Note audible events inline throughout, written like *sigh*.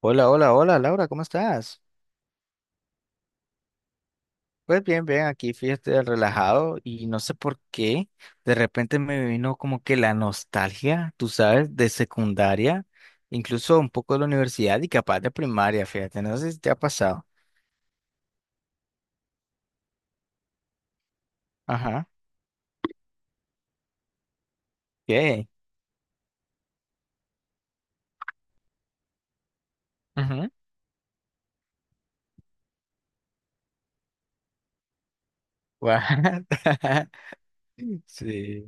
Hola, hola, hola, Laura, ¿cómo estás? Pues bien, bien, aquí fíjate relajado y no sé por qué, de repente me vino como que la nostalgia, tú sabes, de secundaria, incluso un poco de la universidad y capaz de primaria, fíjate, no sé si te ha pasado. Ajá, ¿qué? Ujú. What? *laughs* Sí.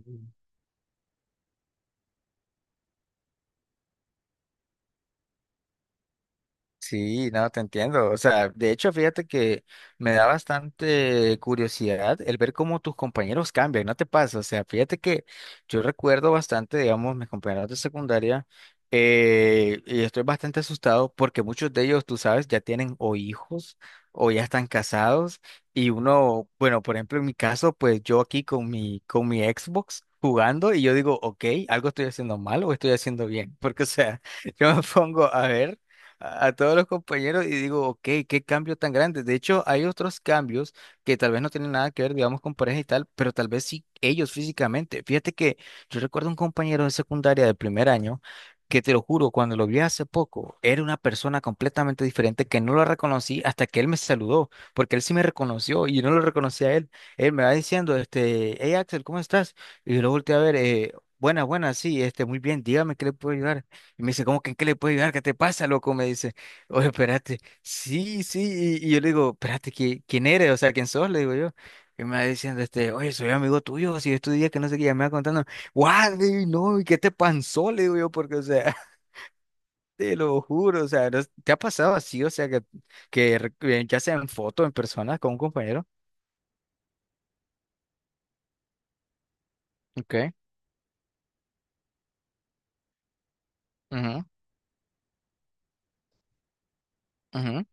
Sí, no, te entiendo. O sea, de hecho, fíjate que me da bastante curiosidad el ver cómo tus compañeros cambian, ¿no te pasa? O sea, fíjate que yo recuerdo bastante, digamos, mis compañeros de secundaria, y estoy bastante asustado porque muchos de ellos, tú sabes, ya tienen o hijos o ya están casados. Y uno, bueno, por ejemplo, en mi caso, pues yo aquí con mi Xbox jugando y yo digo, ok, algo estoy haciendo mal o estoy haciendo bien, *laughs* porque o sea, *laughs* yo me pongo a ver a todos los compañeros y digo, ok, qué cambio tan grande. De hecho, hay otros cambios que tal vez no tienen nada que ver, digamos, con pareja y tal, pero tal vez sí ellos físicamente. Fíjate que yo recuerdo un compañero de secundaria del primer año que te lo juro, cuando lo vi hace poco, era una persona completamente diferente que no lo reconocí hasta que él me saludó, porque él sí me reconoció y yo no lo reconocí a él. Él me va diciendo, este, hey Axel, ¿cómo estás? Y yo lo volteé a ver, buena, buena, sí, este, muy bien, dígame qué le puedo ayudar. Y me dice, ¿cómo que en qué le puedo ayudar? ¿Qué te pasa, loco? Me dice, oye, espérate, sí, sí. Y yo le digo, espérate, ¿quién eres? O sea, ¿quién sos? Le digo yo. Y me va diciendo, este, oye, soy amigo tuyo, si yo estudié, que no sé qué, ya me va contando, guau, le digo, no, ¿y qué te pasó? Le digo yo, porque, o sea, *laughs* te lo juro, o sea, ¿no es- ¿te ha pasado así? O sea, que, ya sea en foto, en persona, con un compañero. Ok. Ujú, ujú,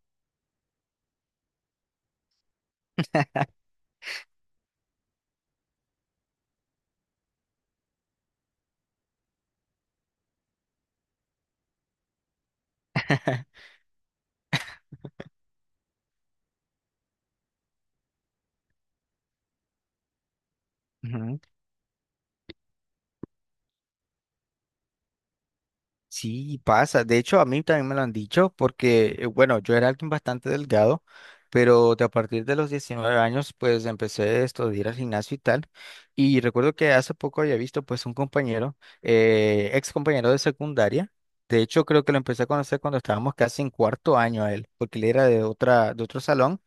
*laughs* ujú. Sí, pasa. De hecho, a mí también me lo han dicho porque, bueno, yo era alguien bastante delgado, pero de a partir de los 19 años, pues empecé esto de ir al gimnasio y tal. Y recuerdo que hace poco había visto pues un compañero, ex compañero de secundaria. De hecho, creo que lo empecé a conocer cuando estábamos casi en cuarto año a él, porque él era de otro salón.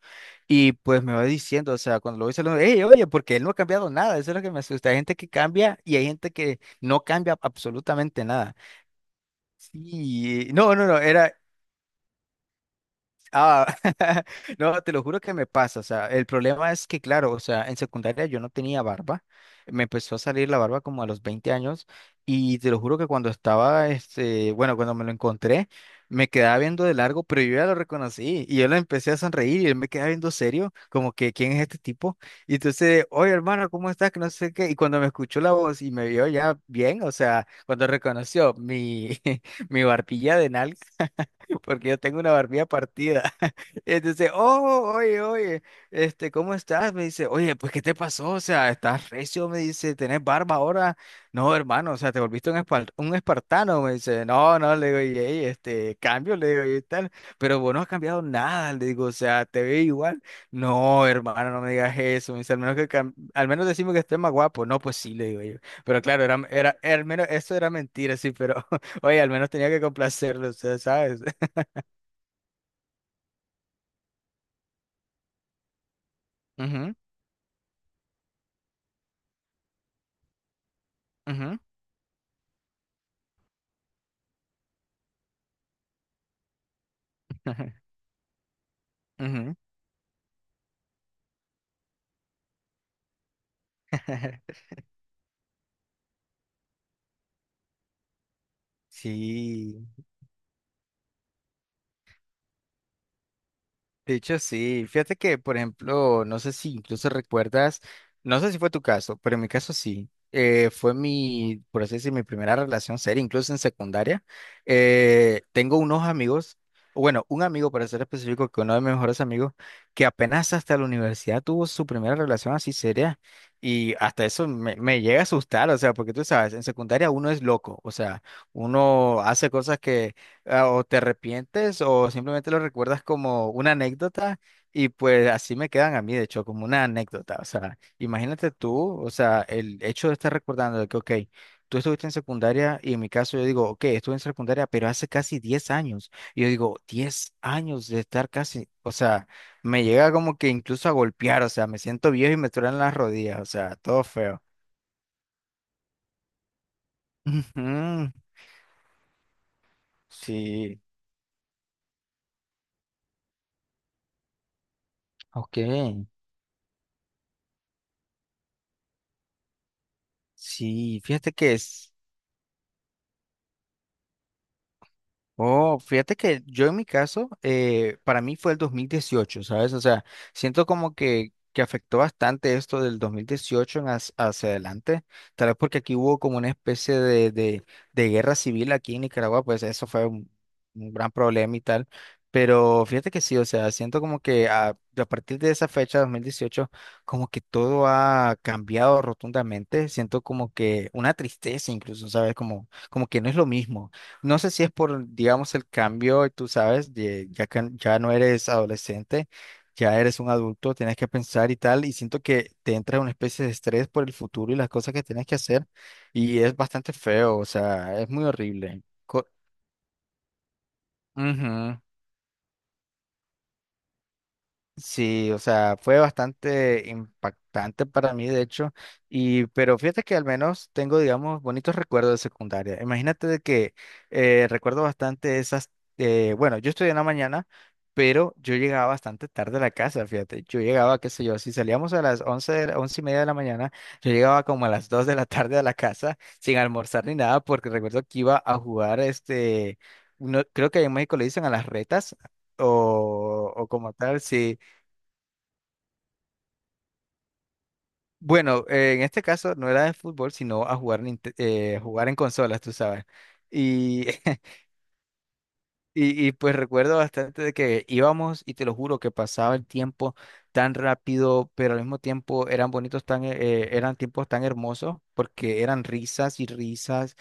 Y pues me va diciendo, o sea, cuando lo voy saludando, hey, oye, porque él no ha cambiado nada. Eso es lo que me asusta. Hay gente que cambia y hay gente que no cambia absolutamente nada. Sí, no, no, no, era, ah, *laughs* no, te lo juro que me pasa, o sea, el problema es que, claro, o sea, en secundaria yo no tenía barba, me empezó a salir la barba como a los 20 años y te lo juro que cuando estaba, este, bueno, cuando me lo encontré, me quedaba viendo de largo, pero yo ya lo reconocí y yo le empecé a sonreír y él me quedaba viendo serio, como que, ¿quién es este tipo? Y entonces, oye, hermano, ¿cómo estás? Que no sé qué, y cuando me escuchó la voz y me vio ya bien, o sea, cuando reconoció mi *laughs* mi barbilla de nalga, porque yo tengo una barbilla partida. *laughs* Entonces, oh, oye, oye, este, ¿cómo estás? Me dice, oye, pues, ¿qué te pasó? O sea, ¿estás recio? Me dice, ¿tenés barba ahora? No, hermano, o sea, te volviste un, un espartano. Me dice, no, no, le digo, y ey, este, cambio, le digo, y tal, pero vos no has cambiado nada, le digo, o sea, te veo igual. No, hermano, no me digas eso. Me dice, al menos que, al menos decimos que estés más guapo. No, pues sí, le digo yo. Pero claro, era, era, al menos eso era mentira, sí, pero *laughs* oye, al menos tenía que complacerlo, o sea, ¿sabes? Ujú, ujú, *laughs* ujú. *laughs* Sí. De hecho, sí. Fíjate que, por ejemplo, no sé si incluso recuerdas, no sé si fue tu caso, pero en mi caso sí. Fue mi, por así decir, mi primera relación seria, incluso en secundaria. Tengo unos amigos, o bueno, un amigo para ser específico, que uno de mis mejores amigos, que apenas hasta la universidad tuvo su primera relación así seria. Y hasta eso me llega a asustar, o sea, porque tú sabes, en secundaria uno es loco, o sea, uno hace cosas, ah, o te arrepientes o simplemente lo recuerdas como una anécdota, y pues así me quedan a mí, de hecho, como una anécdota. O sea, imagínate tú, o sea, el hecho de estar recordando de que, ok, tú estuviste en secundaria y en mi caso yo digo, ok, estuve en secundaria, pero hace casi 10 años. Y yo digo, 10 años de estar casi, o sea, me llega como que incluso a golpear, o sea, me siento viejo y me truenan las rodillas, o sea, todo feo. *laughs* Ujú, sí, ok. Sí, fíjate que es. Oh, fíjate que yo en mi caso, para mí fue el 2018, ¿sabes? O sea, siento como que afectó bastante esto del 2018 en hacia adelante, tal vez porque aquí hubo como una especie de guerra civil aquí en Nicaragua, pues eso fue un gran problema y tal, pero fíjate que sí, o sea, siento como que a partir de esa fecha, 2018, como que todo ha cambiado rotundamente, siento como que una tristeza incluso, ¿sabes? Como, como que no es lo mismo. No sé si es por, digamos, el cambio, tú sabes, ya que ya no eres adolescente, ya eres un adulto, tienes que pensar y tal, y siento que te entra una especie de estrés por el futuro y las cosas que tienes que hacer, y es bastante feo, o sea, es muy horrible. Co- Ujú. Sí, o sea, fue bastante impactante para mí, de hecho, y pero fíjate que al menos tengo, digamos, bonitos recuerdos de secundaria. Imagínate de que recuerdo bastante esas, bueno, yo estudié en la mañana, pero yo llegaba bastante tarde a la casa, fíjate, yo llegaba, qué sé yo, si salíamos a las 11, 11 y media de la mañana, yo llegaba como a las 2 de la tarde a la casa sin almorzar ni nada, porque recuerdo que iba a jugar, este, no, creo que en México le dicen a las retas. O como tal, sí. Bueno, en este caso no era de fútbol, sino a jugar, jugar en consolas, tú sabes. Y *laughs* y pues recuerdo bastante de que íbamos y te lo juro que pasaba el tiempo tan rápido, pero al mismo tiempo eran bonitos, tan, eran tiempos tan hermosos porque eran risas y risas,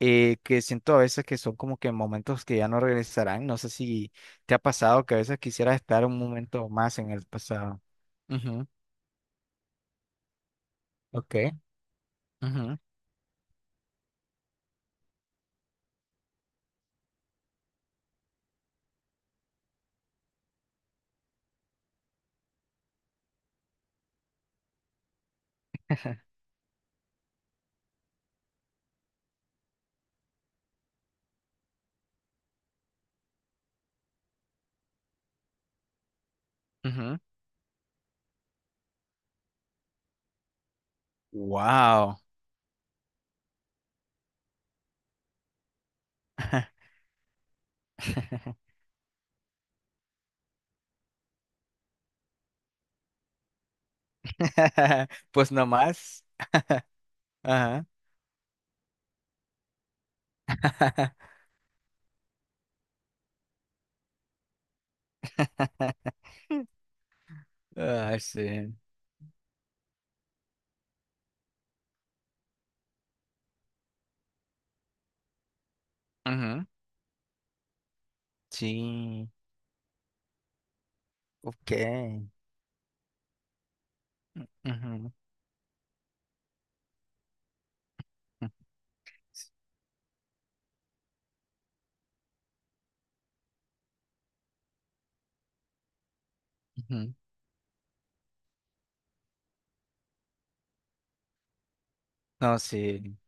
que siento a veces que son como que momentos que ya no regresarán. No sé si te ha pasado que a veces quisieras estar un momento más en el pasado. Ujú, ok. Ujú, ujú. Wow. *laughs* Pues nomás. Ajá. Ah, sí. Ujú, sí. Ok. Ujú, ujú. No, sí.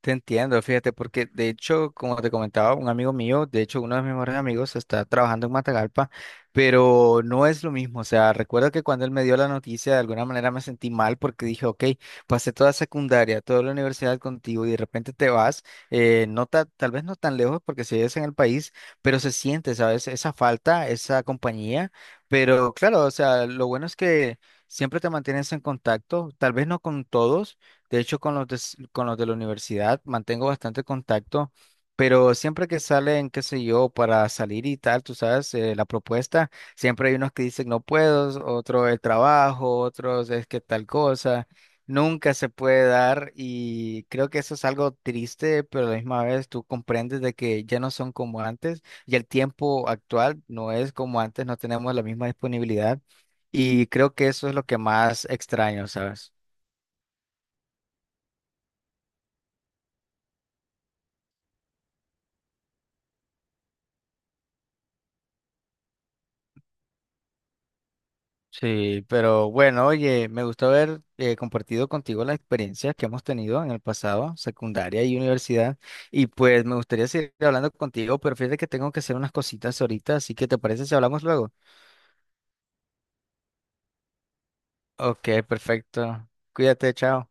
Te entiendo, fíjate, porque de hecho, como te comentaba, un amigo mío, de hecho uno de mis mejores amigos, está trabajando en Matagalpa, pero no es lo mismo. O sea, recuerdo que cuando él me dio la noticia, de alguna manera me sentí mal porque dije, ok, pasé toda secundaria, toda la universidad contigo y de repente te vas, tal vez no tan lejos porque sigues en el país, pero se siente, ¿sabes? Esa falta, esa compañía, pero claro, o sea, lo bueno es que siempre te mantienes en contacto, tal vez no con todos, de hecho, con los con los de la universidad mantengo bastante contacto, pero siempre que salen, qué sé yo, para salir y tal, tú sabes, la propuesta, siempre hay unos que dicen no puedo, otros el trabajo, otros es que tal cosa. Nunca se puede dar y creo que eso es algo triste, pero a la misma vez tú comprendes de que ya no son como antes y el tiempo actual no es como antes, no tenemos la misma disponibilidad y creo que eso es lo que más extraño, ¿sabes? Sí, pero bueno, oye, me gustó haber compartido contigo las experiencias que hemos tenido en el pasado, secundaria y universidad, y pues me gustaría seguir hablando contigo, pero fíjate que tengo que hacer unas cositas ahorita, así que ¿te parece si hablamos luego? Ok, perfecto. Cuídate, chao.